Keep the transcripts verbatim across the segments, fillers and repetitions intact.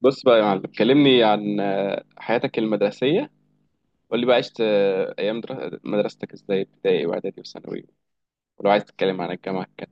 بص بقى يا معلم، كلمني عن آه، حياتك المدرسية. قول لي بقى، عشت آه، أيام در- مدرستك إزاي، ابتدائي وإعدادي وثانوي. ولو عايز تتكلم عن الجامعة كده.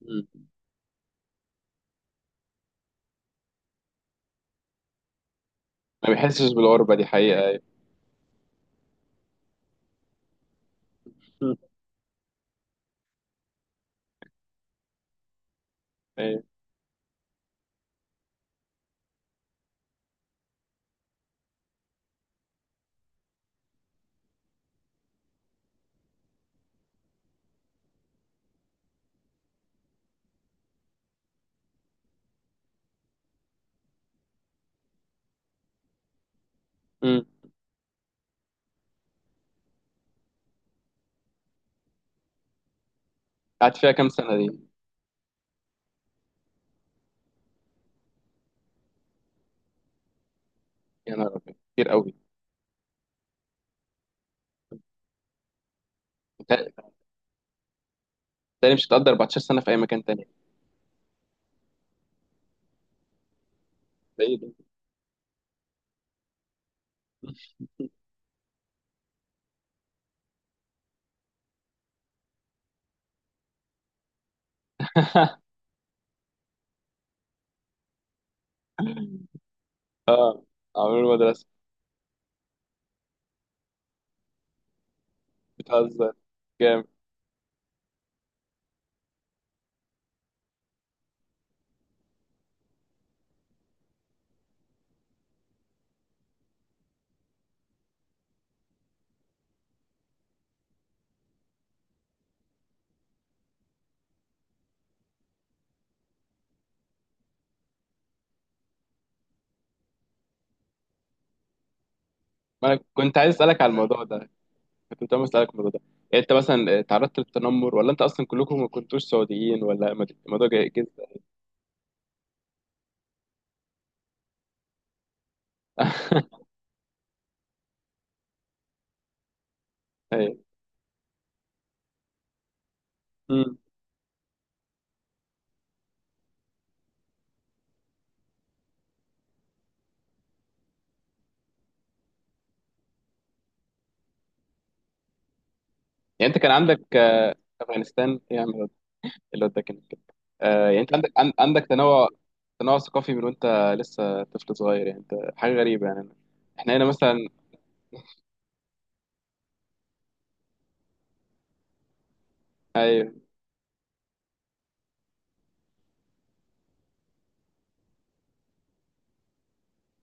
مم. ما بيحسش بالغربة دي حقيقة، أيوة. مم. أيوة. أمم. قعدت فيها كام سنة دي؟ يا نهار أبيض، كتير قوي. تا- تاني مش هتقدر 14 سنة في أي مكان تاني. ده ايه ده؟ اه، عمرو المدرسة؟ بتهزر. جامد. ما أنا كنت عايز أسألك على الموضوع ده، كنت عايز اسالك الموضوع ده. يعني انت مثلا تعرضت للتنمر؟ ولا انت اصلا كلكم ما كنتوش سعوديين؟ ولا مد- الموضوع جاي جد؟ أيوة. أمم. يعني انت كان عندك آه، افغانستان ايه يا عم؟ الواد- الواد ده كان كده. آه، يعني انت عندك عن- عندك تنوع. تنوع ثقافي، من وانت لسه طفل صغير، يعني انت حاجه غريبه. يعني احنا هنا مثلا. ايوه.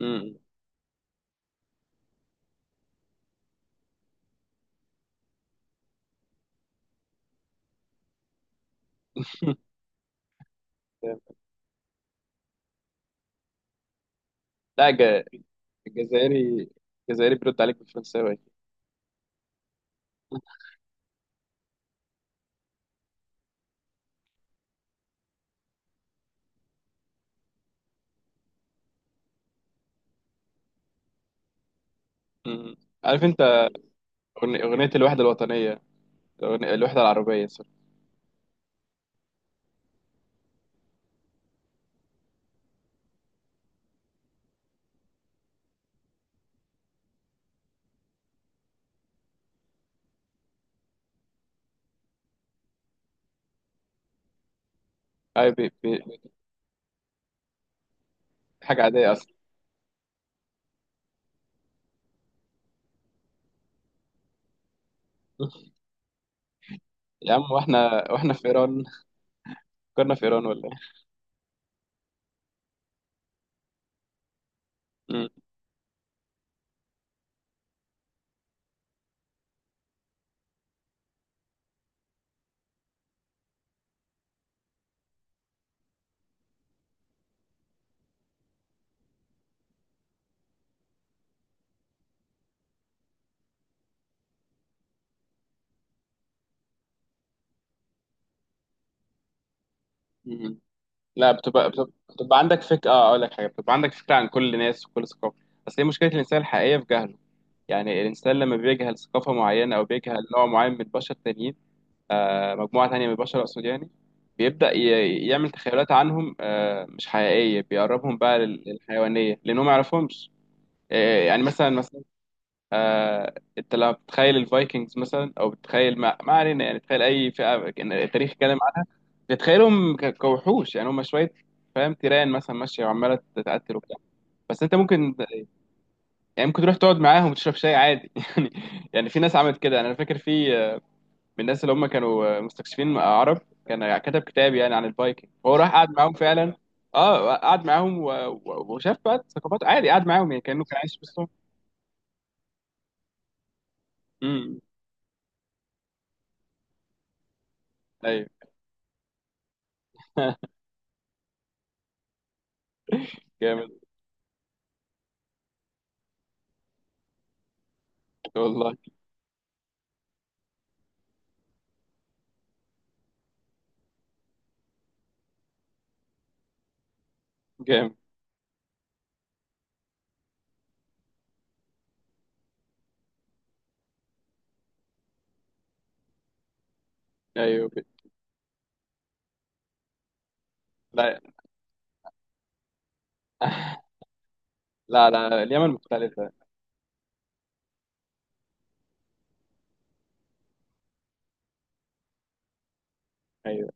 أمم. لا، الج- الجزائري الجزائري بيرد عليك بالفرنساوي. أمم. عارف انت، أغني- اغنيه الوحده الوطنيه، الأغنية- الوحده العربيه، سوري. ايوه، حاجة عادية أصلا. يا عم واحنا واحنا في إيران، كنا في إيران ولا إيه؟ مم. مم. لا، بتبقى بتبقى, بتبقى عندك فكرة، آه أقول لك حاجة، بتبقى عندك فكرة عن كل ناس وكل ثقافة. بس هي مشكلة الإنسان الحقيقية في جهله. يعني الإنسان لما بيجهل ثقافة معينة، أو بيجهل نوع معين من البشر التانيين، آه، مجموعة تانية من البشر أقصد، يعني بيبدأ ي- يعمل تخيلات عنهم، آه، مش حقيقية، بيقربهم بقى لل- للحيوانية لأنهم ما يعرفهمش. آه، يعني مثلا، مثلا آه، انت لما بتتخيل الفايكنجز مثلا، او بتتخيل، ما, ما علينا، يعني تخيل اي فئه كان التاريخ اتكلم عنها، بتتخيلهم ك- كوحوش، يعني هم شويه، فاهم، تيران مثلا ماشيه وعماله تقتل وبتاع. بس انت ممكن، يعني ممكن تروح تقعد معاهم وتشرب شاي عادي، يعني. يعني في ناس عملت كده، يعني انا فاكر في آه، من الناس اللي هم كانوا آه، مستكشفين آه، عرب، كان كتب كتاب يعني عن الفايكنج، فهو راح قعد معاهم فعلا. اه، قعد معاهم و- و- وشاف بقى ثقافات عادي، قعد معاهم يعني كانه كان عايش في وسطهم. امم. ايوه. جامد. والله جامد. ايوه. لا، لا، لا، اليمن مختلفه. ايوه.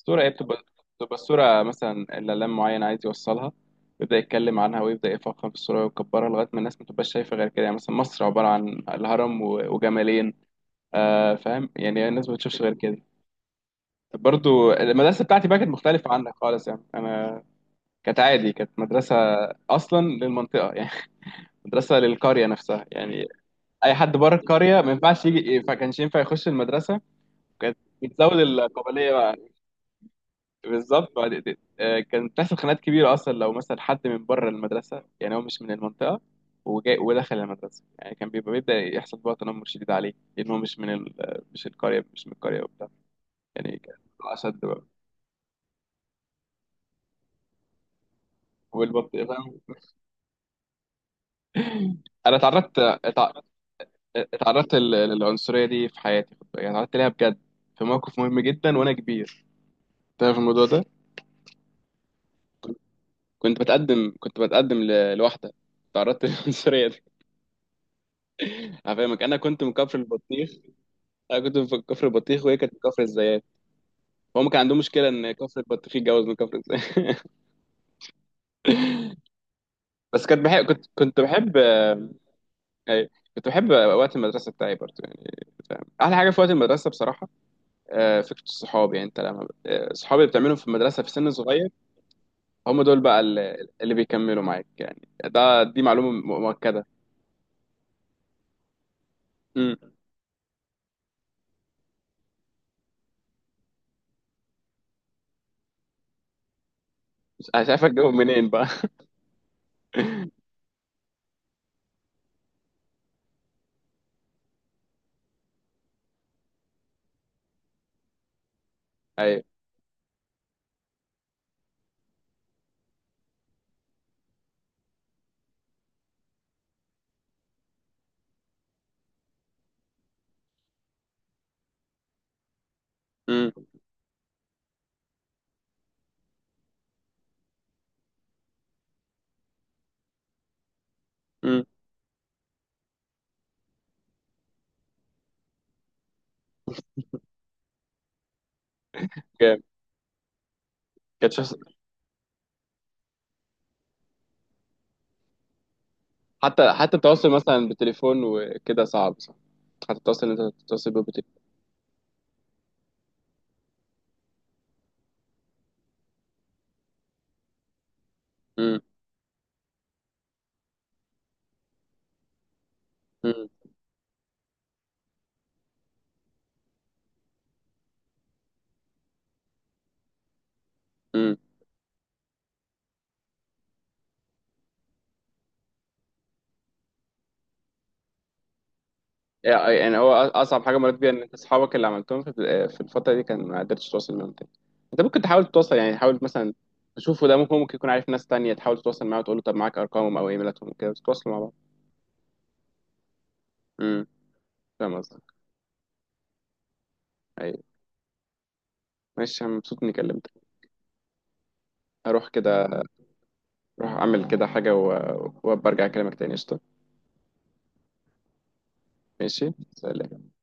الصوره ايه بتبقى؟ بتبقى الصوره مثلا، الاعلام معين عايز يوصلها، يبدا يتكلم عنها ويبدا يفخم في الصوره ويكبرها لغايه ما الناس ما تبقاش شايفه غير كده. يعني مثلا مصر عباره عن الهرم و- وجمالين. آه فاهم، يعني الناس ما بتشوفش غير كده. برضو المدرسه بتاعتي بقى كانت مختلفه عنك خالص، يعني انا كانت عادي، كانت مدرسه اصلا للمنطقه، يعني مدرسه للقريه نفسها يعني. اي حد بره القريه ما ينفعش يجي، ما كانش ينفع يخش المدرسه. كانت بتزود القابليه بقى. بالظبط، بعد- آه، كان بتحصل خناقات كبيره اصلا لو مثلا حد من بره المدرسه، يعني هو مش من المنطقه وجاي ودخل المدرسه، يعني كان بيبقى بيبدا يحصل بقى تنمر شديد عليه، لان هو مش من ال... مش القريه مش من القريه وبتاع. يعني كان الموضوع اشد بقى. والبط، فاهم. انا اتعرضت اتع- اتعرضت لل- للعنصريه دي في حياتي، خد بالك. يعني اتعرضت ليها بجد، في موقف مهم جدا وانا كبير. تعرف الموضوع ده؟ كنت بتقدم كنت بتقدم ل- لواحده. تعرضت للعنصريه دي. انا فاهمك. انا كنت من كفر البطيخ انا كنت من كفر البطيخ وهي كانت من كفر الزيات. هم كان عندهم مشكله ان كفر البطيخ يتجوز من كفر الزيات. بس كنت بحب كنت كنت بحب آه، أي- كنت بحب وقت المدرسه بتاعي برضه، يعني فاهم، احلى حاجه في وقت المدرسه بصراحه. آه، فكره الصحاب. يعني انت لما آه، الصحاب اللي بتعملهم في المدرسه في سن صغير، هم دول بقى اللي اللي بيكملوا معاك. يعني ده دي معلومه م- مؤكده. امم. مش عارف اجيبهم منين بقى. ايوه. امم. امم. جامد. كانت شخص. حتى حتى التواصل مثلا بالتليفون وكده صعب، صح؟ حتى التواصل اللي انت تتواصل بيه بالتليفون. امم. امم. امم. يعني يعني هو أص- اصعب حاجه مريت بيها، ان انت اصحابك اللي عملتهم في في الفتره دي كان ما قدرتش تتواصل معاهم تاني. انت ممكن تحاول تتواصل، يعني حاول مثلا تشوفه، ده ممكن ممكن يكون عارف ناس تانية، تحاول تتواصل معاه وتقول له، طب معاك ارقامهم او ايميلاتهم وكده تتواصلوا مع بعض. امم، فاهم قصدك. ايوه، ماشي. انا مبسوط اني كلمتك. اروح كده. اروح اعمل كده حاجه، و- وابقى ارجع اكلمك تاني. قشطه. ماشي. سلام.